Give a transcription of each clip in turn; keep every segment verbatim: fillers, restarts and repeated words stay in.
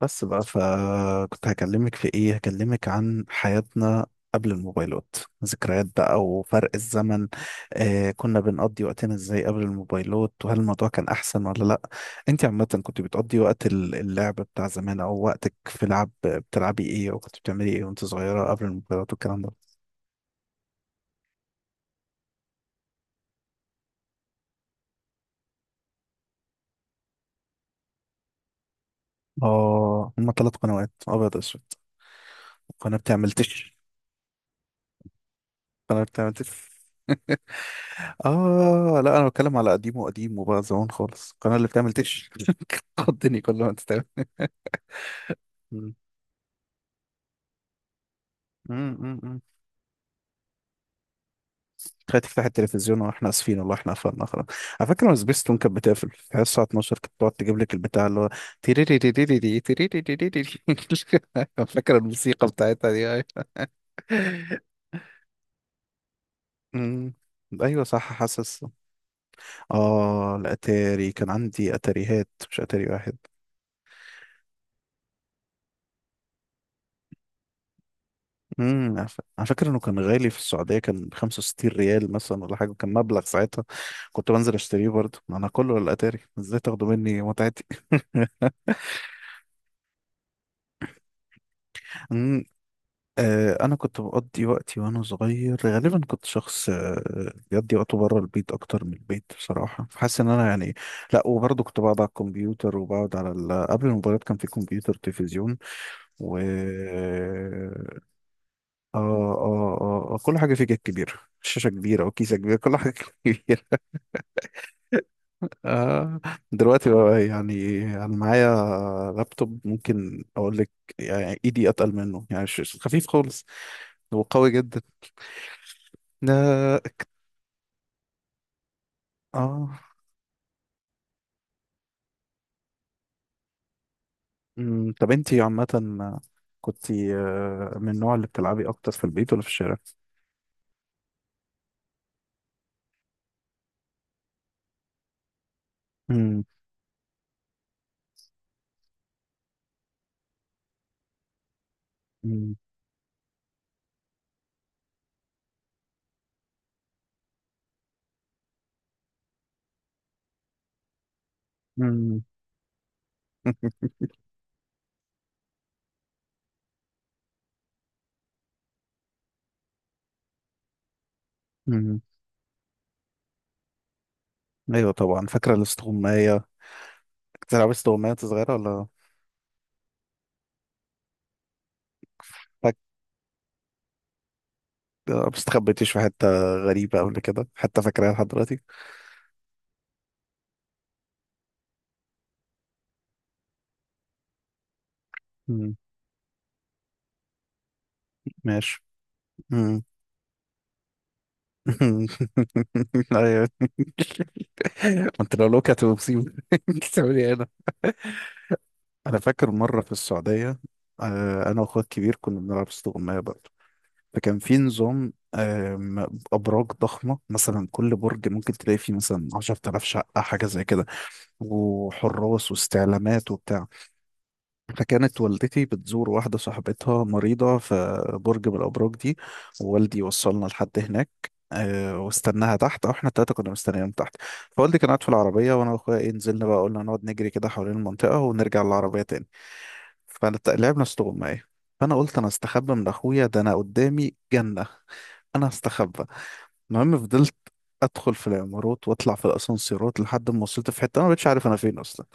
بس بقى فكنت هكلمك في ايه هكلمك عن حياتنا قبل الموبايلات. ذكريات بقى وفرق الزمن. آه كنا بنقضي وقتنا ازاي قبل الموبايلات؟ وهل الموضوع كان احسن ولا لا؟ انت عامة كنت بتقضي وقت ال- اللعب بتاع زمان، او وقتك في لعب بتلعبي ايه، او كنت بتعملي ايه وانت صغيرة قبل الموبايلات والكلام ده؟ اه، هما ثلاث قنوات ابيض واسود. قناة بتعمل انا بتعمل. اه لا، انا بتكلم على قديمه قديمه بقى، زمان خالص، القناه اللي بتعمل تش. تخضني كل ما تتعمل. مم. أمم، أمم، أمم. خلي تفتح التلفزيون واحنا اسفين، والله احنا قفلنا خلاص. على فكره لما سبيس تون كانت بتقفل في الساعه اتناشر، كانت بتقعد تجيب لك البتاع اللي هو تيريريريريري تيريريريريري. فاكره الموسيقى بتاعتها دي؟ أيوة. أمم. ايوه صح، حاسس. اه، الاتاري كان عندي اتاريهات مش اتاري واحد. امم على ف- على فكره انه كان غالي في السعوديه، كان ب خمسة وستين ريال مثلا ولا حاجه، كان مبلغ ساعتها. كنت بنزل اشتريه برضه، ما انا كله على الاتاري، ازاي تاخدوا مني متعتي؟ امم آه انا كنت بقضي وقتي وانا صغير، غالبا كنت شخص آه بيقضي وقته بره البيت اكتر من البيت بصراحه، فحاسس ان انا يعني. لا، وبرضه كنت بقعد على الكمبيوتر وبقعد على ال... قبل الموبايلات كان في كمبيوتر، تلفزيون و. اه، اه، اه، آه، كل حاجه فيه كانت كبيره. شاشه كبيره وكيسه كبيره كل حاجه كبيره. آه دلوقتي بقى يعني انا معايا لابتوب، ممكن اقول لك يعني ايدي اتقل منه، يعني ش- ش- خفيف خالص وقوي جدا. لا. اه. أمم، طب انتي عامة كنت آه، من النوع اللي بتلعبي اكتر في البيت ولا في الشارع؟ أمم. أمم. أمم. أمم. ايوه طبعا، فاكرة الاستغماية؟ كنت بتلعبي استغماية وأنت صغيرة ولا؟ فاك... آه، ما استخبيتيش في حتة غريبة قبل كده حتى فاكراها لحد دلوقتي؟ أمم. ماشي. ايوه. ما انت لو لوكت ومصيبه، بتعمل ايه هنا؟ انا فاكر مره في السعوديه. آه، انا واخويا الكبير كنا بنلعب استغمايه بقى. فكان في نظام، آم، ابراج ضخمه مثلا كل برج ممكن تلاقي فيه مثلا عشرة آلاف شقه، حاجه زي كده. وحراس واستعلامات وبتاع. فكانت والدتي بتزور واحدة صاحبتها مريضة في برج من الأبراج دي. ووالدي وصلنا لحد هناك، آه، واستناها تحت، او احنا التلاتة كنا مستنيين تحت. فوالدي كان قاعد في العربية، وانا واخويا ايه نزلنا بقى، قلنا نقعد نجري كده حوالين المنطقة ونرجع للعربية تاني. فلعبنا استغماية. فانا قلت انا استخبى من اخويا ده، انا قدامي جنة، انا هستخبى. المهم فضلت ادخل في العمارات واطلع في الاسانسيرات، لحد ما وصلت في حتة انا ما بقتش عارف انا فين اصلا.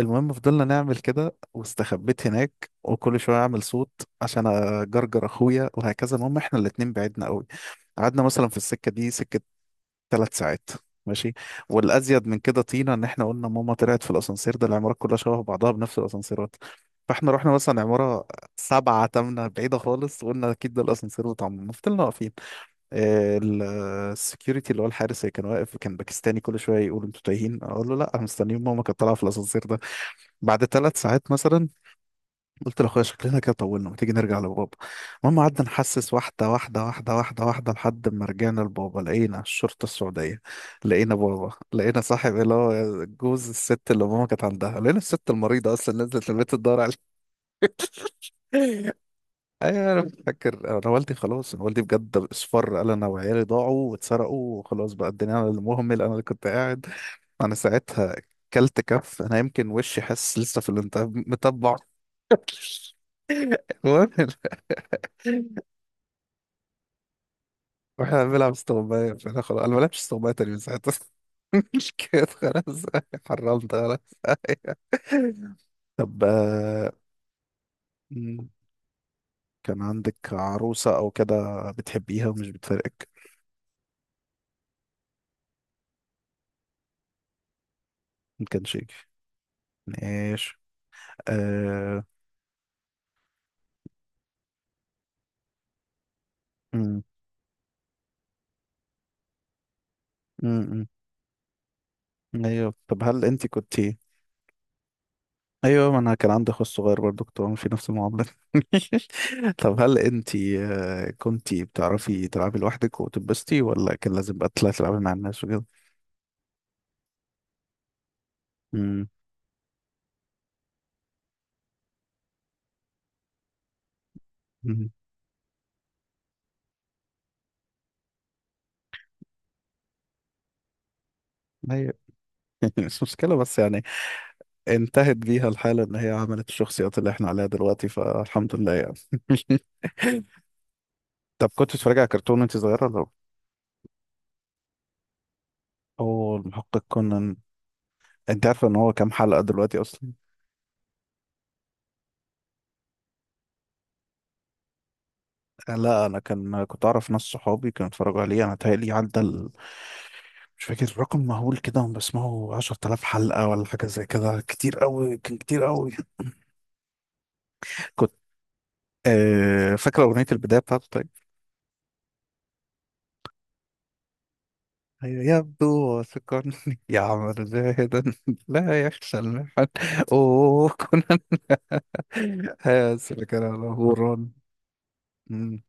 المهم فضلنا نعمل كده واستخبيت هناك، وكل شويه اعمل صوت عشان اجرجر اخويا وهكذا. المهم احنا الاتنين بعدنا قوي. قعدنا مثلا في السكه دي، سكه ثلاث ساعات. ماشي. والازيد من كده طينا ان احنا قلنا ماما طلعت في الاسانسير ده، العمارات كلها شبه بعضها بنفس الاسانسيرات. فاحنا رحنا مثلا عماره سبعة تمنة بعيده خالص، وقلنا اكيد ده الاسانسير بتاع ماما، فضلنا واقفين. السكيورتي اللي هو الحارس اللي كان واقف، كان باكستاني، كل شويه يقول انتوا تايهين، اقول له لا، انا مستنيين ماما كانت طالعه في الاسانسير ده. بعد ثلاث ساعات مثلا، قلت لاخويا شكلنا كده طولنا، ما تيجي نرجع لبابا. المهم قعدنا نحسس واحده واحده واحده واحده واحده، لحد ما رجعنا لبابا لقينا الشرطه السعوديه. لقينا بابا، لقينا صاحب اللي هو جوز الست اللي ماما كانت عندها، لقينا الست المريضه اصلا نزلت البيت تدور عليه. ايوه، انا فاكر انا والدي خلاص انا والدي بجد اصفر، قال انا وعيالي ضاعوا واتسرقوا، وخلاص بقى الدنيا، انا اللي مهمل، انا اللي كنت قاعد. انا ساعتها كلت كف، انا يمكن وشي حاسس لسه في الانتباه متبع. المهم. واحنا بنلعب استغماية، فانا خلاص، انا ما بلعبش استغماية تاني من ساعتها. مش كده خلاص، حرمت خلاص. طب، آه، مم، كان عندك عروسة أو كده بتحبيها ومش بتفارقك؟ ما كانش يجي. ماشي. آه... مم. مم. مم. أيوه. طب هل أنت كنت. أيوه، ما أنا كان عندي أخو صغير برضه كنت بعمل في نفس المعاملة. طب هل أنت آه، كنت بتعرفي تلعبي لوحدك وتتبسطي، ولا كان لازم بقى تطلعي تلعبي مع الناس؟ مم. مم. هي. مش مشكلة بس يعني. انتهت بيها الحالة ان هي عملت الشخصيات اللي احنا عليها دلوقتي، فالحمد لله يعني. طب كنت بتتفرج على كرتون وانت صغيرة ولا؟ اوه، المحقق كونان! انت عارفة ان هو كام حلقة دلوقتي اصلا؟ آه، لا، انا كان كنت اعرف ناس صحابي كانوا اتفرجوا عليه، انا تهيألي عدى ال... مش فاكر رقم مهول كده، هم بسمعه عشر آلاف حلقة ولا حاجة زي كده، كتير قوي كان كتير قوي. كنت آه، فاكرة أغنية البداية بتاعته؟ أيوة، يبدو وثقني، يعمل زاهدا لا يخشى المحن. اوه كنا اسف، كان على غوران. مم.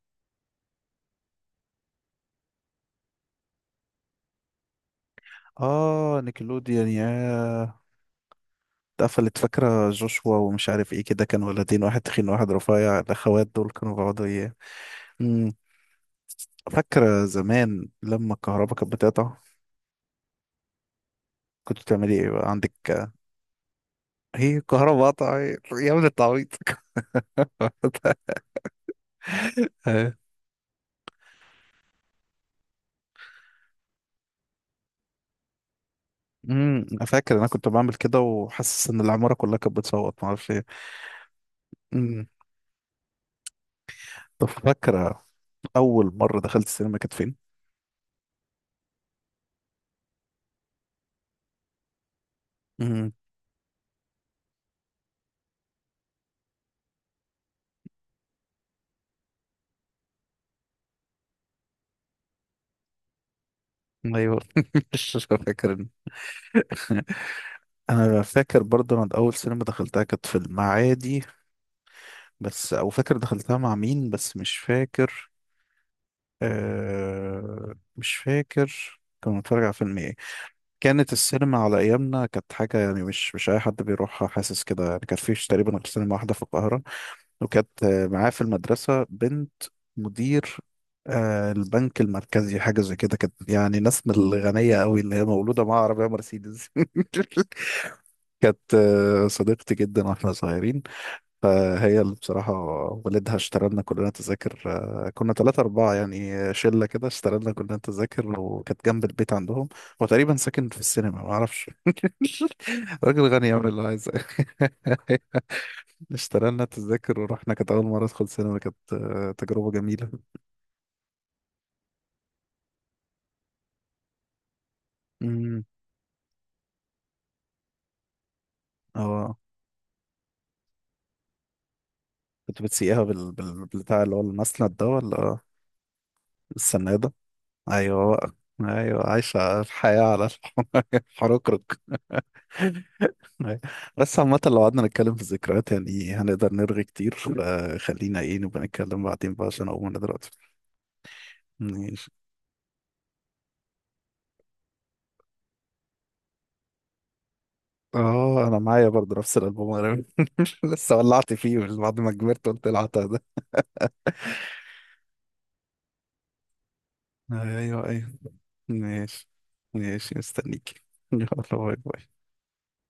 اه، نيكلوديان. يا، اتقفلت. فاكرة جوشوا ومش عارف ايه كده كانوا ولدين، واحد تخين واحد رفيع، الاخوات دول كانوا بيقعدوا ايه؟ مم. فاكرة زمان لما الكهرباء كانت بتقطع؟ كنت بتعملي ايه بقى عندك؟ آه، هي الكهرباء قطعت، يا ابن التعويض! امم انا فاكر انا كنت بعمل كده، وحاسس ان العماره كلها كانت بتصوت ما اعرفش ايه. امم طب فاكره اول مره دخلت السينما كانت فين؟ امم. ايوه. مش فاكر إن- انا فاكر برضه، انا اول سينما دخلتها كانت في المعادي، بس او فاكر دخلتها مع مين بس مش فاكر. آه مش فاكر كنا بنتفرج على فيلم ايه. كانت السينما على ايامنا كانت حاجه يعني مش مش اي حد بيروحها، حاسس كده يعني، كان فيش تقريبا غير سينما واحده في القاهره. وكانت آه، معاه في المدرسة بنت مدير آه، البنك المركزي حاجة زي كده، كانت يعني ناس من الغنية قوي، اللي هي مولودة مع عربية مرسيدس. كانت آه، صديقتي جدا واحنا صغيرين، فهي اللي بصراحة والدها اشترى لنا كلنا تذاكر. آه، كنا ثلاثة أربعة يعني، آه، شلة كده، اشترى لنا كلنا تذاكر، وكانت جنب البيت عندهم. هو تقريبا ساكن في السينما ما أعرفش. راجل غني يعمل اللي عايزه. اشترينا التذاكر ورحنا، كانت أول مرة أدخل سينما، كانت آه، تجربة جميلة. امم اه، كنت بتسيقها بال... بال... بالبتاع اللي هو المسند ده ولا السنادة؟ أيوه بقى، أيوه، عايشة الحياة على الح- الحركرك. أيوة. بس عامة لو قعدنا نتكلم في الذكريات يعني هنقدر نرغي كتير، فخلينا ايه نبقى نتكلم بعدين بقى عشان أقوم أنا دلوقتي. ماشي. اه، انا معايا برضه نفس الالبوم، انا. لسه، ولعت فيه من بعد ما كبرت قلت العتها. ايوه، ايوه. ماشي. ماشي، مستنيك. يلا. باي باي.